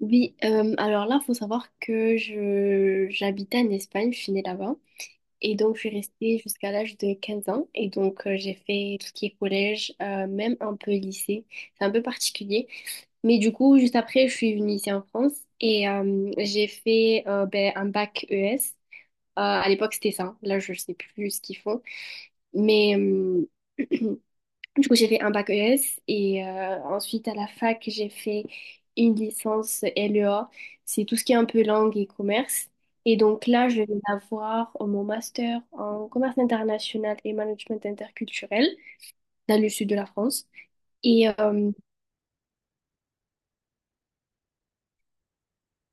Oui, alors là, il faut savoir que je j'habitais en Espagne, je suis née là-bas. Et donc, je suis restée jusqu'à l'âge de 15 ans. Et donc, j'ai fait tout ce qui est collège, même un peu lycée. C'est un peu particulier. Mais du coup, juste après, je suis venue ici en France et j'ai fait ben, un bac ES. À l'époque, c'était ça. Là, je sais plus ce qu'ils font. Mais, Du coup, j'ai fait un bac ES et ensuite à la fac, j'ai fait une licence LEA. C'est tout ce qui est un peu langue et commerce. Et donc là, je vais avoir mon master en commerce international et management interculturel dans le sud de la France. Et euh, euh,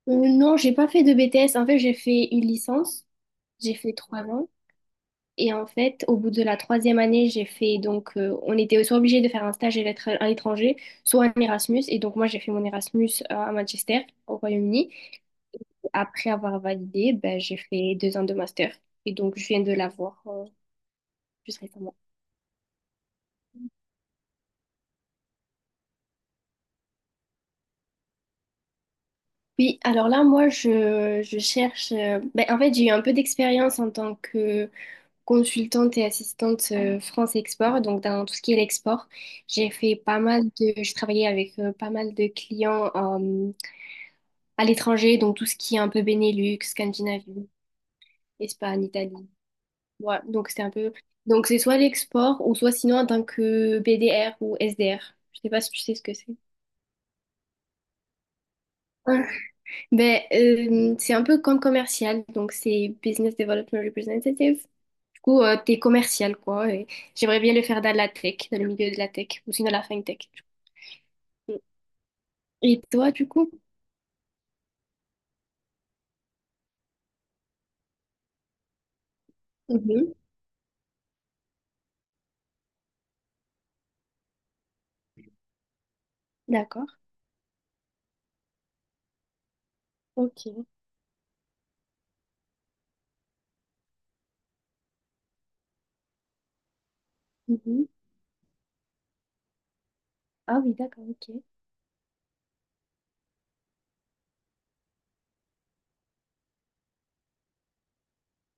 non, j'ai pas fait de BTS. En fait, j'ai fait une licence. J'ai fait 3 ans. Et en fait, au bout de la troisième année, j'ai fait donc, on était soit obligé de faire un stage à l'étranger, soit un Erasmus. Et donc, moi, j'ai fait mon Erasmus à Manchester, au Royaume-Uni. Après avoir validé, ben, j'ai fait 2 ans de master. Et donc, je viens de l'avoir juste récemment. Oui, alors là, moi, je cherche. Ben, en fait, j'ai eu un peu d'expérience en tant que consultante et assistante France Export, donc dans tout ce qui est l'export. J'ai fait pas mal de. Je travaillais avec pas mal de clients. À l'étranger, donc tout ce qui est un peu Benelux, Scandinavie, Espagne, Italie. Voilà, donc c'était un peu... Donc c'est soit l'export ou soit sinon en tant que BDR ou SDR. Je sais pas si tu sais ce que c'est. Hein. Ben, c'est un peu comme commercial, donc c'est Business Development Representative. Du coup, t'es commercial, quoi. Et j'aimerais bien le faire dans la tech, dans le milieu de la tech, ou sinon la fintech. Du coup. Et toi, du coup? Mhm. D'accord. Ok. Mhm. Ah oui, d'accord, ok.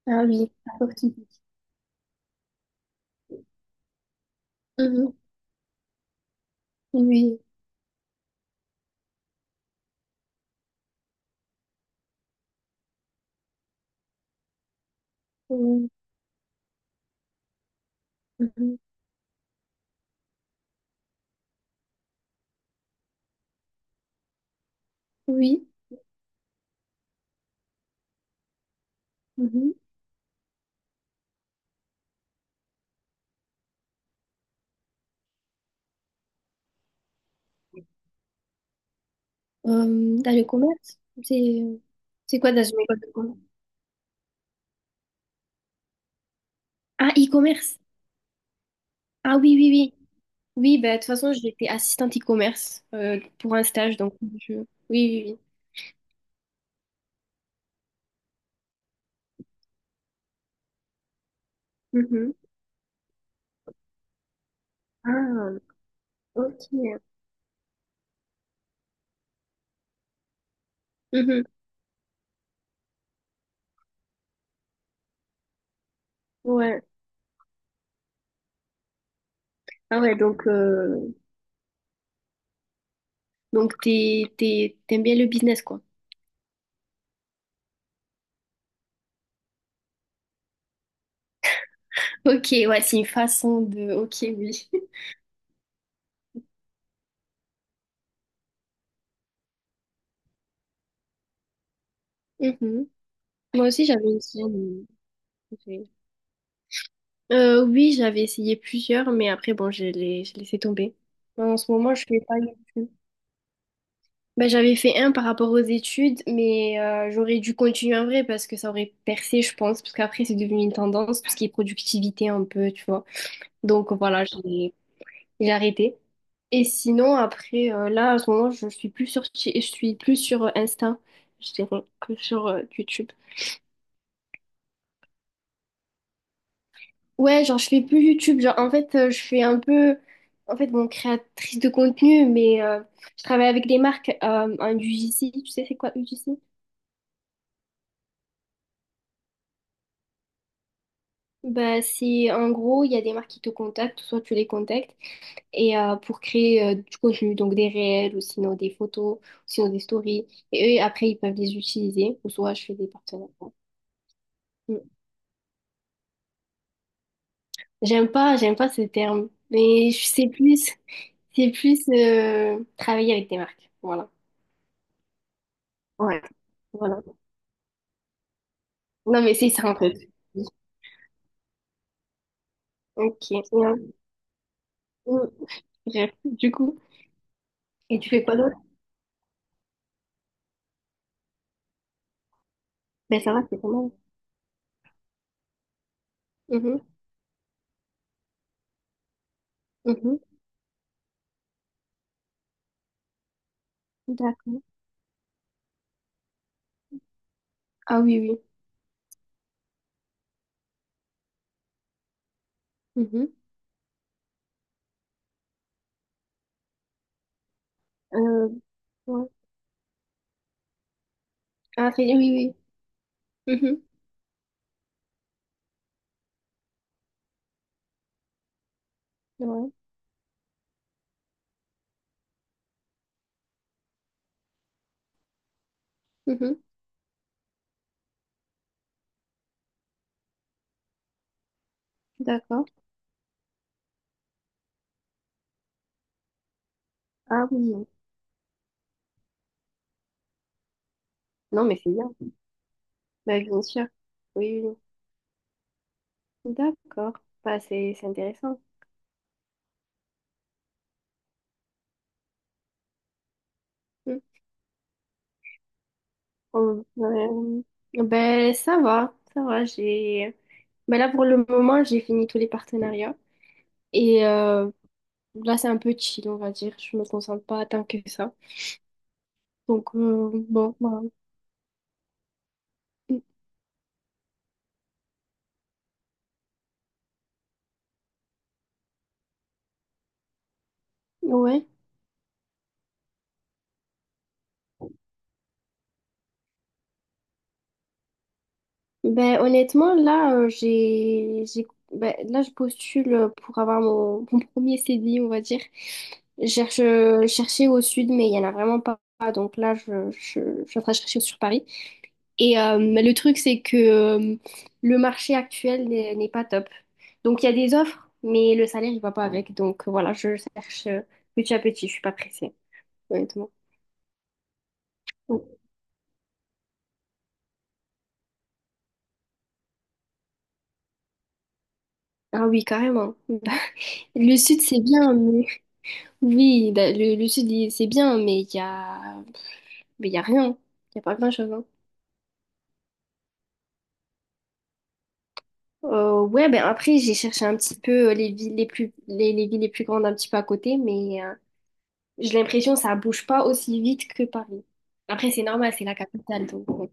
Ah oui, apporte. Mhm. Oui. Euh, mhm. Oui. Mhm. Dans le commerce, c'est quoi dans une école de commerce? Ah, e-commerce. Ah oui, oui, oui. Oui, bah, de toute façon, j'étais assistante e-commerce pour un stage, donc je... Oui, oui, oui. Mhm. Ah, ok. Mhm. Ouais. Ah ouais, donc t'aimes bien le business, quoi. Ok, ouais, c'est une façon de... Ok, oui. Mhm. Moi aussi, j'avais une chaîne. Oui, j'avais essayé plusieurs, mais après, bon, je laissé tomber. En ce moment, je fais pas YouTube. Bah, j'avais fait un par rapport aux études, mais j'aurais dû continuer en vrai parce que ça aurait percé, je pense, parce qu'après, c'est devenu une tendance, tout ce qui est productivité un peu, tu vois. Donc voilà, j'ai arrêté. Et sinon, après, là, en ce moment, je suis plus sur, je suis plus sur Insta, je dirais, que sur YouTube. Ouais, genre je fais plus YouTube, genre en fait je fais un peu, en fait bon, créatrice de contenu, mais je travaille avec des marques, un UGC, tu sais c'est quoi UGC? Bah c'est en gros, il y a des marques qui te contactent, soit tu les contactes, et pour créer du contenu, donc des réels, ou sinon des photos, ou sinon des stories, et eux après ils peuvent les utiliser, ou soit je fais des partenariats. Mm. J'aime pas ce terme, mais je sais plus, c'est plus travailler avec des marques, voilà. Ouais. Voilà. Non, mais c'est ça, en fait. Ok. Ouais. Mm. Bref, du coup. Et tu fais quoi d'autre? Ben, ça va, c'est pas mal. Mhm, mhm. D'accord. Ah oui, oui. Mhm. Euh, ouais. Ah, c'est oui, oui. Mhm. Ouais. Mhm. D'accord. Ah oui. Non, mais c'est bien. Ben, bien sûr. Oui, oui. Oui. D'accord. Bah, c'est intéressant. Mm. Euh, ben, ça va. Ça va. J'ai... Ben là, pour le moment, j'ai fini tous les partenariats. Et là, c'est un peu chill, on va dire. Je me concentre pas tant que ça. Donc, bon, bah, ouais. Ben, honnêtement, là, ben, là, je postule pour avoir mon premier CDI, on va dire. Je cherchais au sud, mais il y en a vraiment pas. Donc là, je suis en train de chercher sur Paris. Et le truc, c'est que le marché actuel n'est pas top. Donc, il y a des offres, mais le salaire, il va pas avec. Donc, voilà, je cherche petit à petit. Je suis pas pressée, honnêtement. Ah oui, carrément. Bah, le sud, c'est bien, mais... Oui, bah, le sud, c'est bien, mais il y a... mais il y a rien. Il y a pas grand-chose, hein. Ouais, ben après, j'ai cherché un petit peu les villes les plus... les villes les plus grandes un petit peu à côté, mais j'ai l'impression que ça bouge pas aussi vite que Paris. Après, c'est normal, c'est la capitale, donc... bon.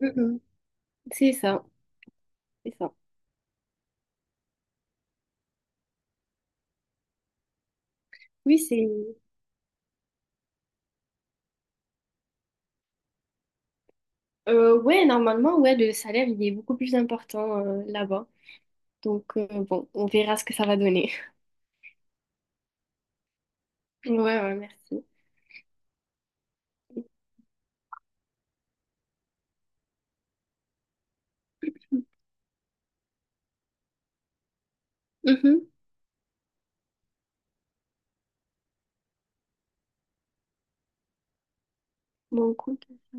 Mhm. C'est ça, c'est ça. Oui, c'est... ouais, normalement, ouais, le salaire, il est beaucoup plus important là-bas. Donc, bon, on verra ce que ça va donner. Ouais, ouais, merci. Mhm. Mon compte. Insta.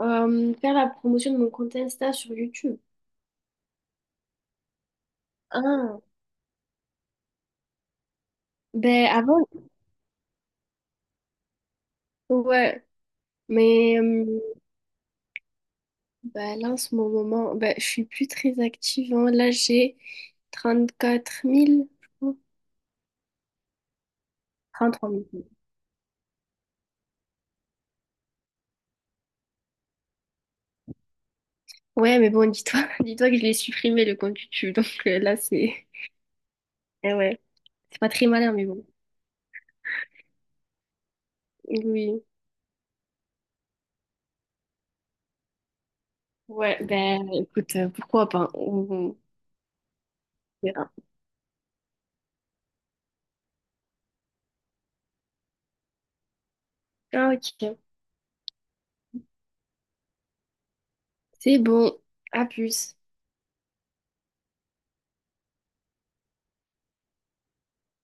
Faire la promotion de mon compte Insta sur YouTube. Ah, ben avant, ouais. Mais ben là, en ce moment, ben, je suis plus très active. Hein. Là, j'ai 34 000, je crois. 3 000. Ouais, mais bon, dis-toi, dis-toi que je l'ai supprimé, le compte YouTube. Donc là, c'est... Eh ouais, c'est pas très malin, mais bon. Oui. Ouais, ben écoute, pourquoi pas? On verra. Ah, ok. C'est bon. À plus.